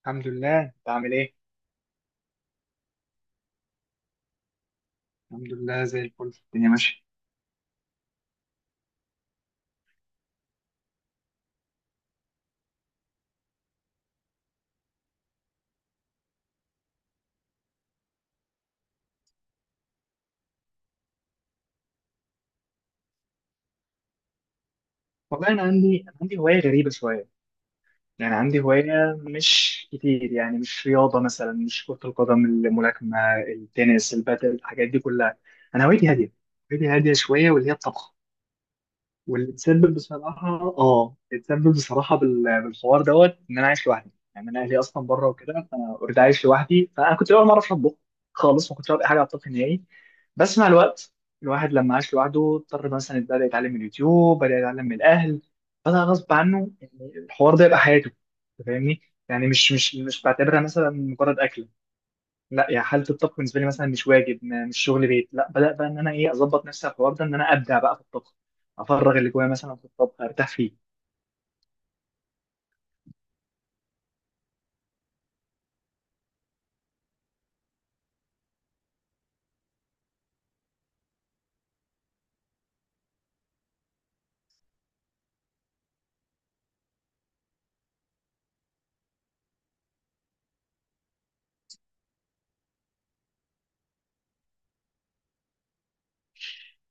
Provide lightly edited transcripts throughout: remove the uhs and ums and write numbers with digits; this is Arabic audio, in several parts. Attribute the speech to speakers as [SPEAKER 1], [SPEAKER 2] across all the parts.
[SPEAKER 1] الحمد لله، انت عامل ايه؟ الحمد لله، زي الفل الدنيا ماشيه. والله انا عندي هوايه غريبه شويه. يعني عندي هوايه، مش كتير، يعني مش رياضه مثلا، مش كره القدم، الملاكمه، التنس، البادل، الحاجات دي كلها. انا هوايتي هاديه، هوايتي هاديه شويه، واللي هي الطبخ. واللي تسبب بصراحة، اه اتسبب بصراحة بالحوار دوت ان انا عايش لوحدي، يعني انا اهلي اصلا بره وكده، فانا اوريدي عايش لوحدي، فانا كنت اول مرة اعرف اطبخ خالص، ما كنتش اعرف اي حاجة على الطبخ نهائي. بس مع الوقت الواحد لما عاش لوحده اضطر، مثلا بدأ يتعلم من اليوتيوب، بدأ يتعلم من الاهل، بدأ غصب عنه يعني الحوار ده يبقى حياته. أنت فاهمني؟ يعني مش بعتبرها مثلا مجرد اكل. لا، يعني حاله الطبخ بالنسبه لي مثلا مش واجب، مش شغل بيت. لا، بدات بقى ان انا ايه اظبط نفسي على الحوار ده، ان انا ابدع بقى في الطبخ، افرغ اللي جوايا مثلا في الطبخ، ارتاح فيه.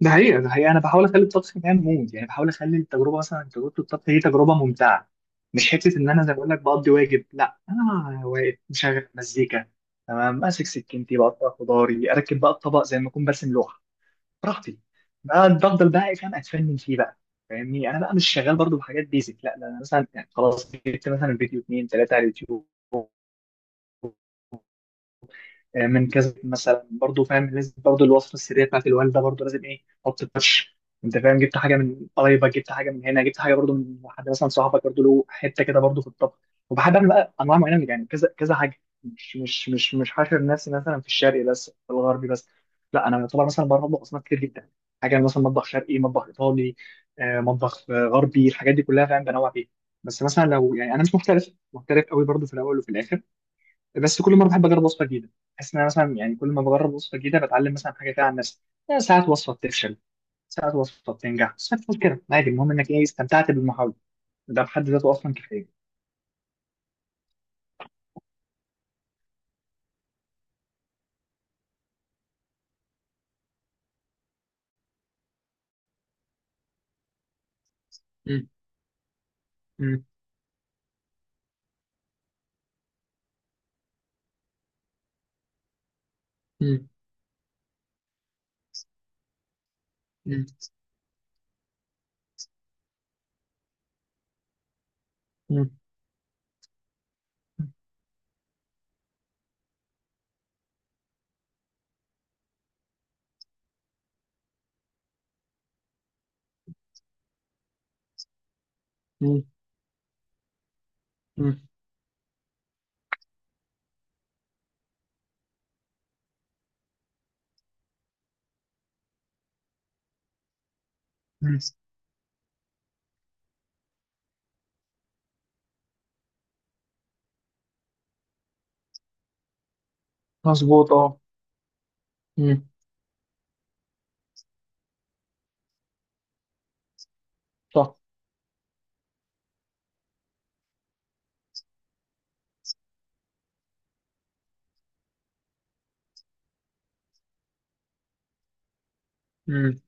[SPEAKER 1] ده حقيقه، ده حقيقه، انا بحاول اخلي الطبخ كمان مود، يعني بحاول اخلي التجربه، مثلا تجربه الطبخ دي تجربه ممتعه. مش حته ان انا زي ما بقول لك بقضي واجب، لا، انا واقف مشغل مزيكا، تمام، ماسك سكينتي، بقطع خضاري، اركب بقى الطبق زي ما اكون برسم لوحه براحتي. بقى بفضل بقى فاهم، اتفنن فيه بقى. فاهمني، انا بقى مش شغال برضو بحاجات بيزك، لا، ده انا مثلا يعني خلاص جبت مثلا فيديو 2 3 على اليوتيوب، من كذا، مثلا برضو فاهم لازم برضو الوصفه السريه بتاعت الوالده، برضو لازم ايه حط التاتش. انت فاهم، جبت حاجه من قرايبك، جبت حاجه من هنا، جبت حاجه برضو من حد مثلا صاحبك برضو له حته كده برضو في الطبخ. وبحب اعمل بقى انواع معينه، يعني كذا كذا حاجه، مش حاشر نفسي مثلا في الشرقي بس، في الغربي بس. لا، انا يعتبر مثلا بعرف اطبخ اصناف كتير جدا، حاجه مثلا مطبخ شرقي، مطبخ ايطالي، مطبخ غربي، الحاجات دي كلها فاهم بنوع فيها. بس مثلا لو يعني انا مش محترف محترف قوي برضو في الاول وفي الاخر، بس كل مره بحب اجرب وصفه جديده. بحس ان انا مثلا يعني كل ما بجرب وصفه جديده بتعلم مثلا حاجه كده عن نفسي. يعني ساعات وصفه بتفشل، ساعات وصفه بتنجح، ساعات بتفوت كده عادي، المهم انك ايه استمتعت بالمحاوله. ده بحد ذاته اصلا كفايه. مم. مم. مم. مم. مم. مم. مم. مم. مظبوط، اه. مم. صح. مم.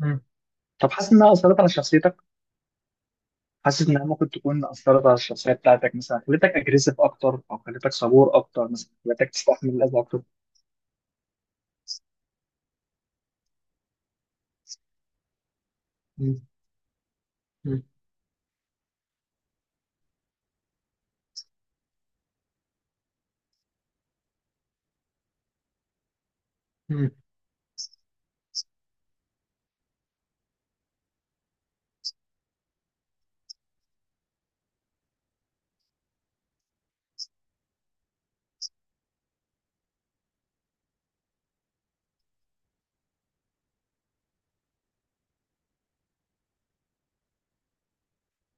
[SPEAKER 1] مم. طب حاسس انها اثرت على شخصيتك؟ حاسس انها ممكن تكون اثرت على الشخصيه بتاعتك، مثلا خلتك اجريسيف اكتر او خلتك صبور اكتر، مثلا خلتك تستحمل الاذى اكتر؟ مم. مم.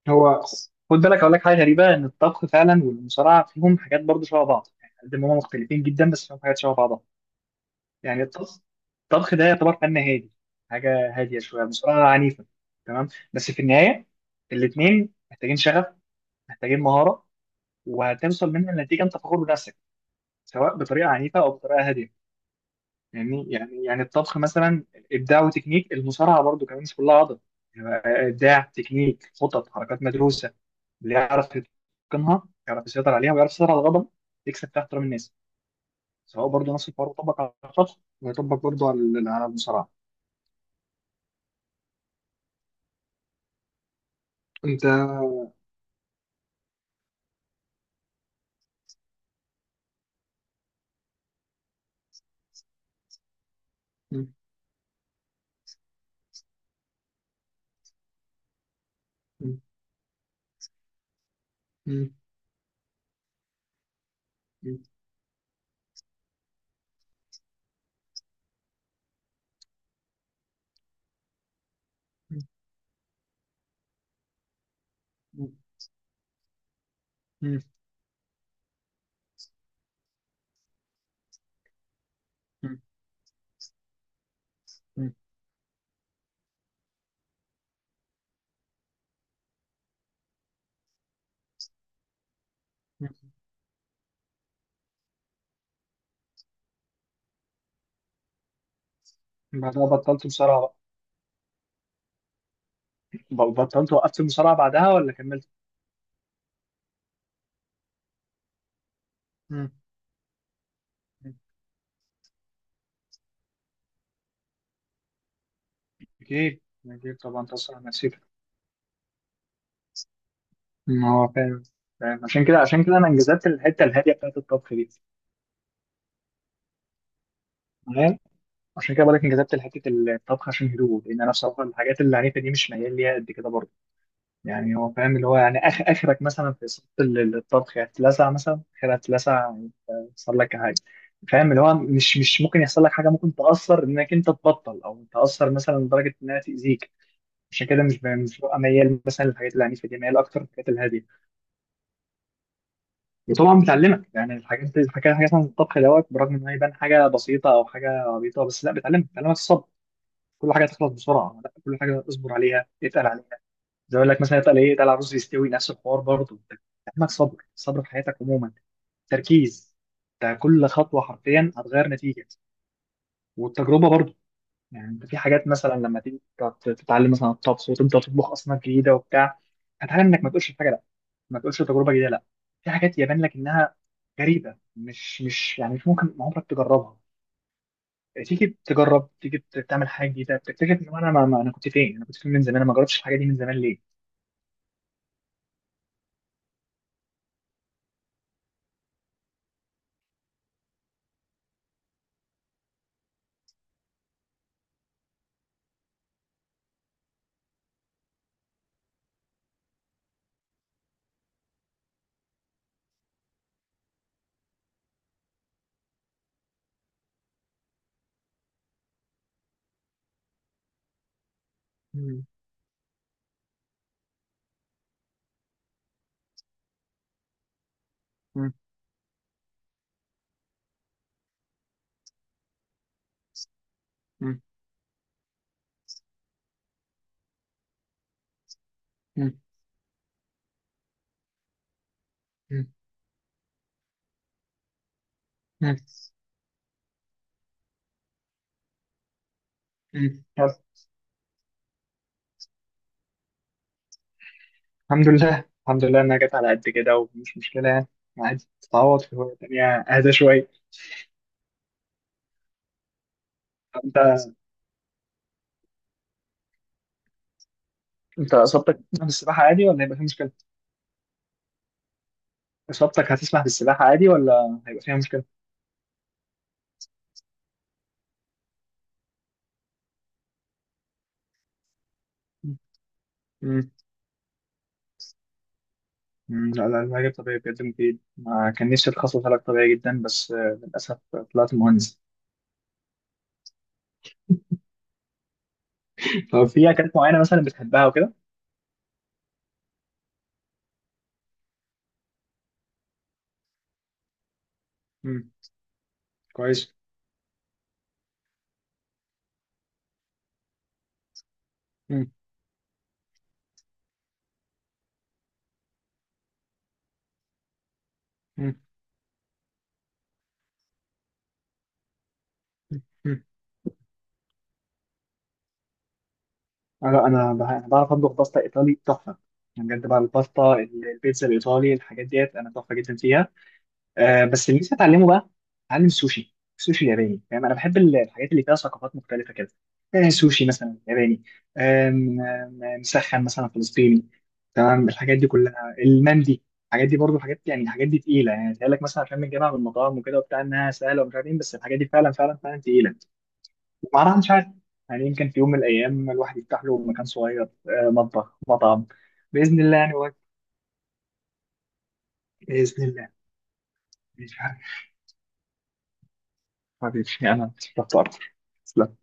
[SPEAKER 1] هو، خد بالك اقول لك حاجه غريبه ان الطبخ فعلا والمصارعه فيهم حاجات برضه شبه بعض، يعني قد ما هم مختلفين جدا بس فيهم حاجات شبه بعضها. يعني الطبخ، ده يعتبر فن هادي، حاجه هاديه شويه، المصارعه عنيفه، تمام، بس في النهايه الاثنين محتاجين شغف، محتاجين مهاره، وهتوصل منها لنتيجه انت فخور بنفسك، سواء بطريقه عنيفه او بطريقه هاديه. يعني الطبخ مثلا ابداع وتكنيك، المصارعه برضو كمان مش كلها عضل، يعني ابداع، تكنيك، خطط، حركات مدروسه، اللي يعرف يتقنها يعرف يسيطر عليها ويعرف يسيطر على الغضب يكسب تحت احترام الناس. سواء برضو نفس الحوار يطبق على الطبخ، ويطبق برضو على المصارعه. انت. مم. مم. مم. مم. مم. مم. مم. مم. بعدها بطلت مصارعه؟ بقى بطلت، وقفت المصارعه بعدها ولا كملت؟ مم. مم. اكيد، اكيد طبعا تاثر على نفسيتك. ما هو فاهم، فاهم، عشان كده، عشان كده انا انجذبت الحته الهاديه بتاعت الطبخ دي. تمام. عشان كده بقولك انجذبت لحته الطبخ عشان هدوء، لان انا بصراحه الحاجات العنيفه دي مش ميال ليها قد كده برضه. يعني هو فاهم اللي هو، يعني اخرك مثلا في صوت الطبخ هتلسع، مثلا اخرها هتلسع، يحصل لك حاجه. فاهم اللي هو مش ممكن يحصل لك حاجه ممكن تاثر انك انت تبطل، او تاثر مثلا لدرجه انها تاذيك. عشان كده مش مش ببقى ميال مثلا للحاجات العنيفه دي، ميال اكتر للحاجات الهاديه. وطبعا بتعلمك يعني الحاجات دي، الحاجات حاجات عن الطبخ دوت، برغم ان هي يبان حاجه بسيطه او حاجه عبيطه، بس لا، بتعلمك الصبر. كل حاجه تخلص بسرعه، لا، كل حاجه اصبر عليها اتقل عليها. زي ما يقول لك مثلا اتقل ايه، اتقل على الرز يستوي، نفس الحوار برضه. بتعلمك صبر، صبر في حياتك عموما، تركيز. انت كل خطوه حرفيا هتغير نتيجه. والتجربه برضه، يعني انت في حاجات مثلا لما تيجي تتعلم مثلا الطبخ وتبدا تطبخ اصناف جديده وبتاع، هتعلم انك ما تقولش الحاجه، ما تقولش تجربه جديده لا. في حاجات يبان لك انها غريبه، مش يعني مش ممكن عمرك تجربها، تيجي تجرب، تيجي تعمل حاجه جديده، بتكتشف ان انا انا كنت فين، انا كنت فين من زمان، انا ما جربتش الحاجه دي من زمان ليه؟ مم. مم. مم. مم. مم. مم. مم. يلا. الحمد لله، الحمد لله انها جت على قد كده، ومش مشكله يعني، عادي تتعوض في هوايه تانيه اهدى شويه. انت انت، اصابتك في السباحه عادي ولا هيبقى فيها مشكله؟ اصابتك هتسمح بالسباحه عادي ولا هيبقى فيها مشكله؟ مم. مم، لا، لا، العلاج الطبيعي بجد مفيد، ما كان نفسي اتخصص علاج طبيعي جدا، بس للأسف طلعت مهندس. طب في أكلات معينة مثلا بتحبها وكده؟ مم، كويس. مم، مم، مم، مم. لا، أنا أنا بعرف أطبخ باستا إيطالي تحفة، يعني بجد بقى الباستا، البيتزا الإيطالي الحاجات ديت أنا تحفة جدا فيها. بس اللي لسه اتعلمه بقى، اتعلم سوشي، سوشي ياباني، فاهم انا بحب الحاجات اللي فيها ثقافات مختلفه كده. سوشي مثلا ياباني، آم، آم، آم، مسخن مثلا فلسطيني، تمام، الحاجات دي كلها المندي، الحاجات دي برضو حاجات يعني الحاجات دي تقيله، يعني تقول لك مثلا عشان بنجيبها من المطاعم وكده وبتاع انها سهله ومش عارف ايه، بس الحاجات دي فعلا فعلا فعلا تقيله، ومعناها مش عارف. يعني يمكن في يوم من الايام الواحد يفتح له مكان صغير، مطبخ، مطعم، باذن الله يعني. باذن الله. مش عارف. حبيبي، انا اتشرفت اكتر. تسلم.